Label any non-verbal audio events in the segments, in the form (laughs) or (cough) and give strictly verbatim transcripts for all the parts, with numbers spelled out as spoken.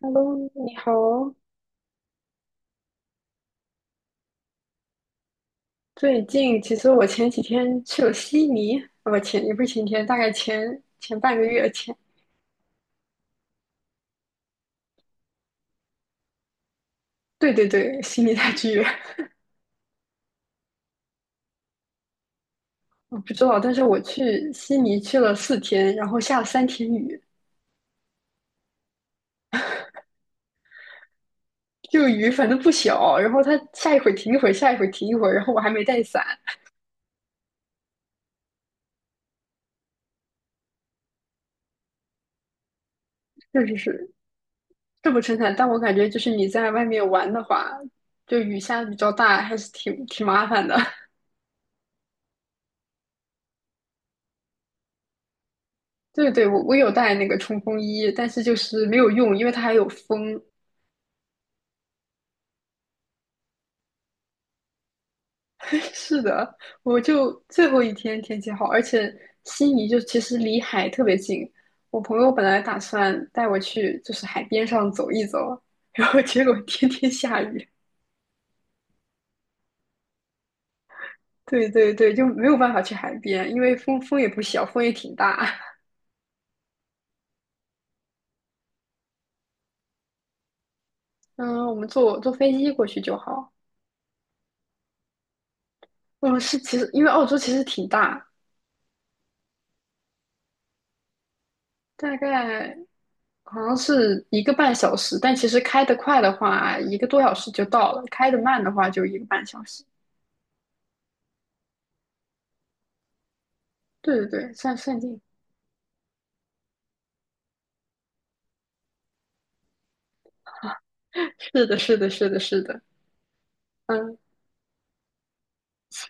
Hello，你好哦。最近其实我前几天去了悉尼，啊不前也不是前天，大概前前半个月前。对对对，悉尼大剧院，我不知道，但是我去悉尼去了四天，然后下了三天雨，这个雨反正不小，然后它下一会儿停一会儿，下一会儿停一会儿，然后我还没带伞，确实是这不撑伞，但我感觉就是你在外面玩的话，就雨下的比较大，还是挺挺麻烦的。(laughs) 对对，我我有带那个冲锋衣，但是就是没有用，因为它还有风。(laughs) 是的，我就最后一天天气好，而且悉尼就其实离海特别近。我朋友本来打算带我去就是海边上走一走，然后结果天天下雨。对对对，就没有办法去海边，因为风风也不小，风也挺大。嗯，我们坐坐飞机过去就好。嗯，是其实因为澳洲其实挺大，大概好像是一个半小时，但其实开得快的话，一个多小时就到了；开得慢的话，就一个半小时。对对对，像限定，是的，是的，是的，是的。嗯，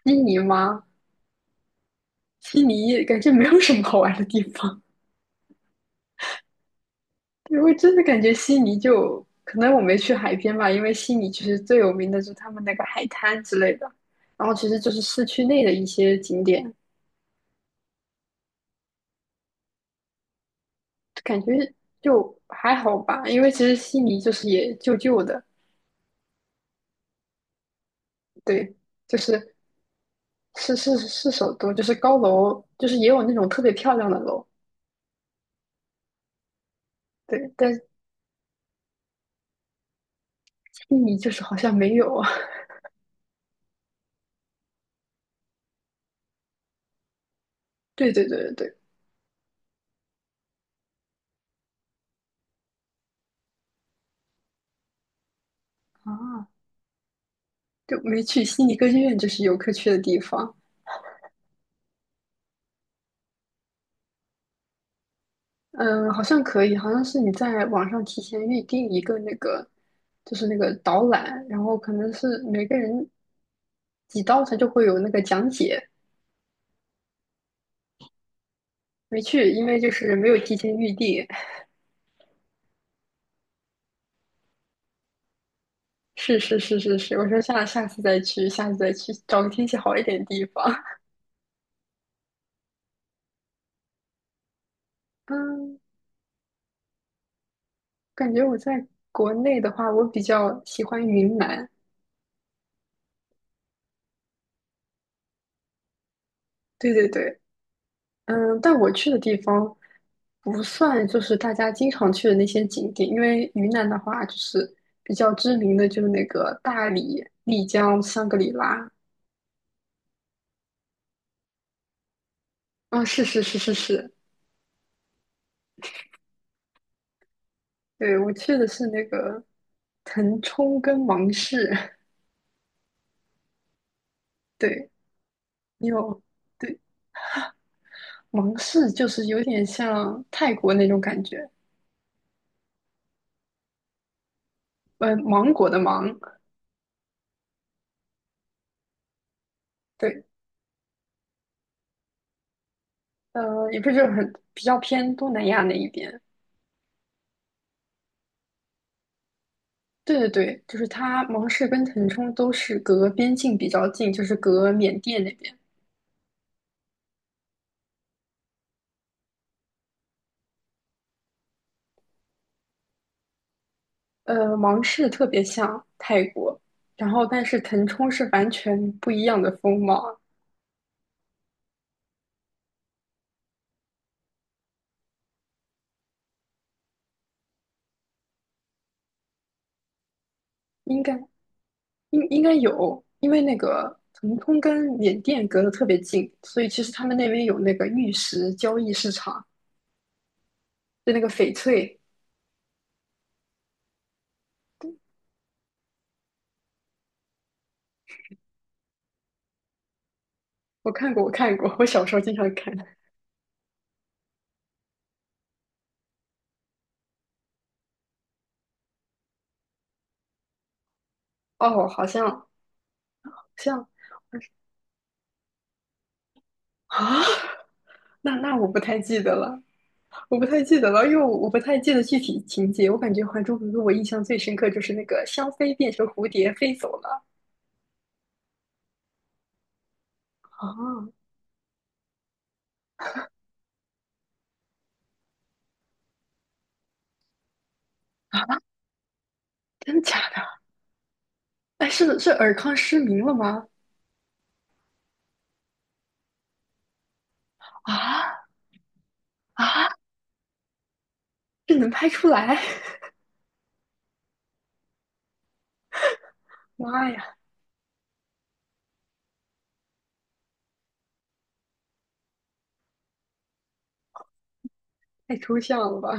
悉尼吗？悉尼感觉没有什么好玩的地方。(laughs) 对，我真的感觉悉尼就可能我没去海边吧，因为悉尼其实最有名的就是他们那个海滩之类的，然后其实就是市区内的一些景点，感觉就还好吧。因为其实悉尼就是也旧旧的，对，就是是是是首都，就是高楼，就是也有那种特别漂亮的楼，对，但悉尼就是好像没有。(laughs) 啊。对对对对对。啊，就没去悉尼歌剧院，就是游客去的地方。嗯，好像可以，好像是你在网上提前预定一个那个，就是那个导览，然后可能是每个人几刀他就会有那个讲解。没去，因为就是没有提前预定。(laughs) 是是是是是，我说下下次再去，下次再去找个天气好一点的地方。嗯，感觉我在国内的话，我比较喜欢云南。对对对，嗯，但我去的地方不算就是大家经常去的那些景点，因为云南的话，就是比较知名的就是那个大理、丽江、香格里拉。啊、是是是是是，对，我去的是那个腾冲跟芒市，(laughs) 对，你有，对，芒市就是有点像泰国那种感觉，呃，芒果的芒，对，呃，也不是很比较偏东南亚那一边，对对对，就是它，芒市跟腾冲都是隔边境比较近，就是隔缅甸那边。呃，芒市特别像泰国，然后但是腾冲是完全不一样的风貌，应该应应该有，因为那个腾冲跟缅甸隔得特别近，所以其实他们那边有那个玉石交易市场，就那个翡翠，我看过，我看过，我小时候经常看。哦，好像好像啊，(laughs) 那那我不太记得了。我不太记得了，因为我我不太记得具体情节。我感觉《还珠格格》，我印象最深刻就是那个香妃变成蝴蝶飞走了。啊，真的假的？哎，是是尔康失明了吗？啊啊，这能拍出来？(laughs) 妈呀，太抽象了吧？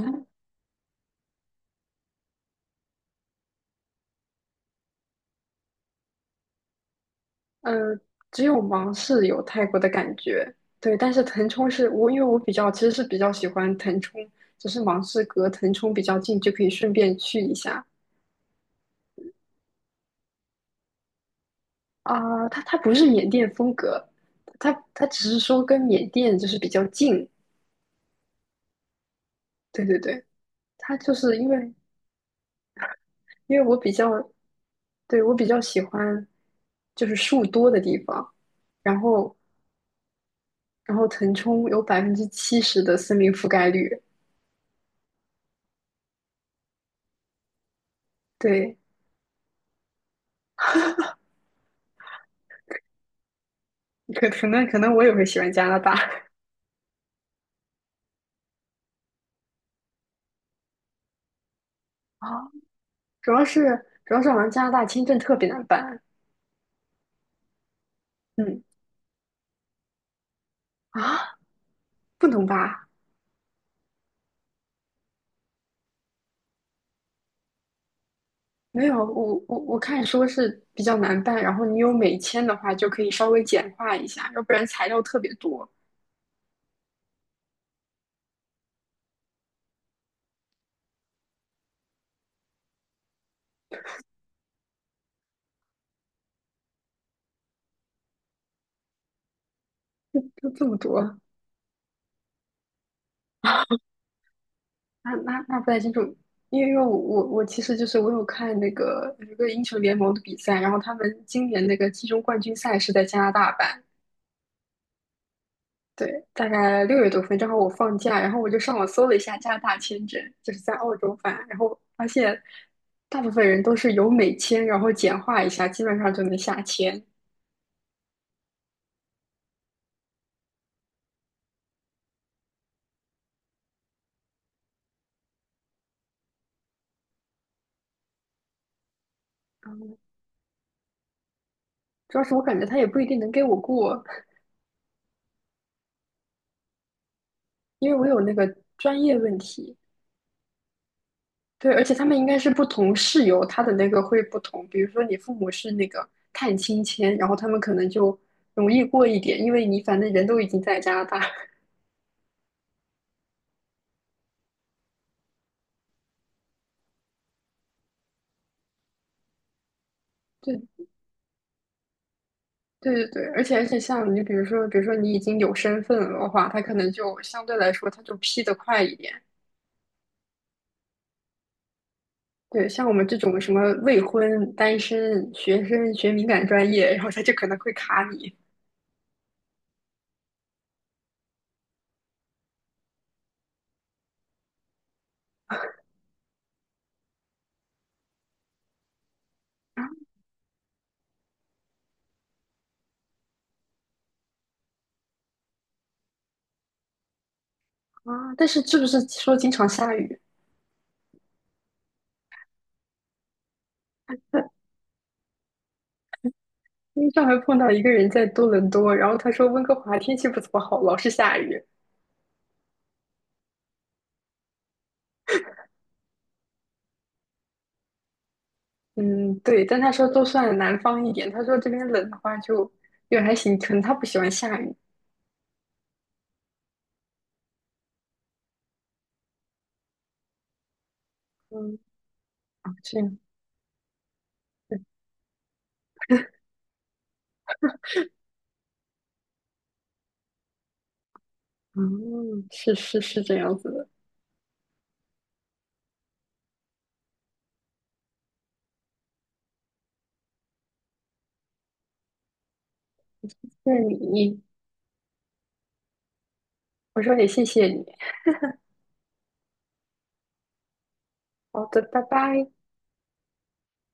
嗯，只有芒市有泰国的感觉。对，但是腾冲是我，因为我比较其实是比较喜欢腾冲，只是芒市隔腾冲比较近，就可以顺便去一下。啊，它它不是缅甸风格，它它只是说跟缅甸就是比较近。对对对，它就是因为因为我比较对我比较喜欢就是树多的地方，然后然后腾冲有百分之七十的森林覆盖率。对，可可能可能我也会喜欢加拿大 (laughs) 啊，主要是主要是好像加拿大签证特别难办。嗯啊，不能吧？没有，我我我看说是比较难办，然后你有美签的话就可以稍微简化一下，要不然材料特别多，就这么多，那那那不太清楚。因为因为我我我其实就是我有看那个有一个英雄联盟的比赛，然后他们今年那个季中冠军赛是在加拿大办，对，大概六月多份，正好我放假，然后我就上网搜了一下加拿大签证，就是在澳洲办，然后发现大部分人都是有美签，然后简化一下，基本上就能下签。主要是我感觉他也不一定能给我过，因为我有那个专业问题。对，而且他们应该是不同室友，他的那个会不同。比如说你父母是那个探亲签，然后他们可能就容易过一点，因为你反正人都已经在加拿大。对对对对，而且而且像你比如说，比如说，你已经有身份了的话，他可能就相对来说他就批得快一点。对，像我们这种什么未婚、单身学生学敏感专业，然后他就可能会卡你啊。但是是不是说经常下雨？因为上回碰到一个人在多伦多，然后他说温哥华天气不怎么好，老是下雨。嗯，对，但他说都算南方一点，他说这边冷的话就也还行，可能他不喜欢下雨。嗯，啊这样，对，嗯，是是是这样子的。那你，我说也谢谢你。好的，拜拜。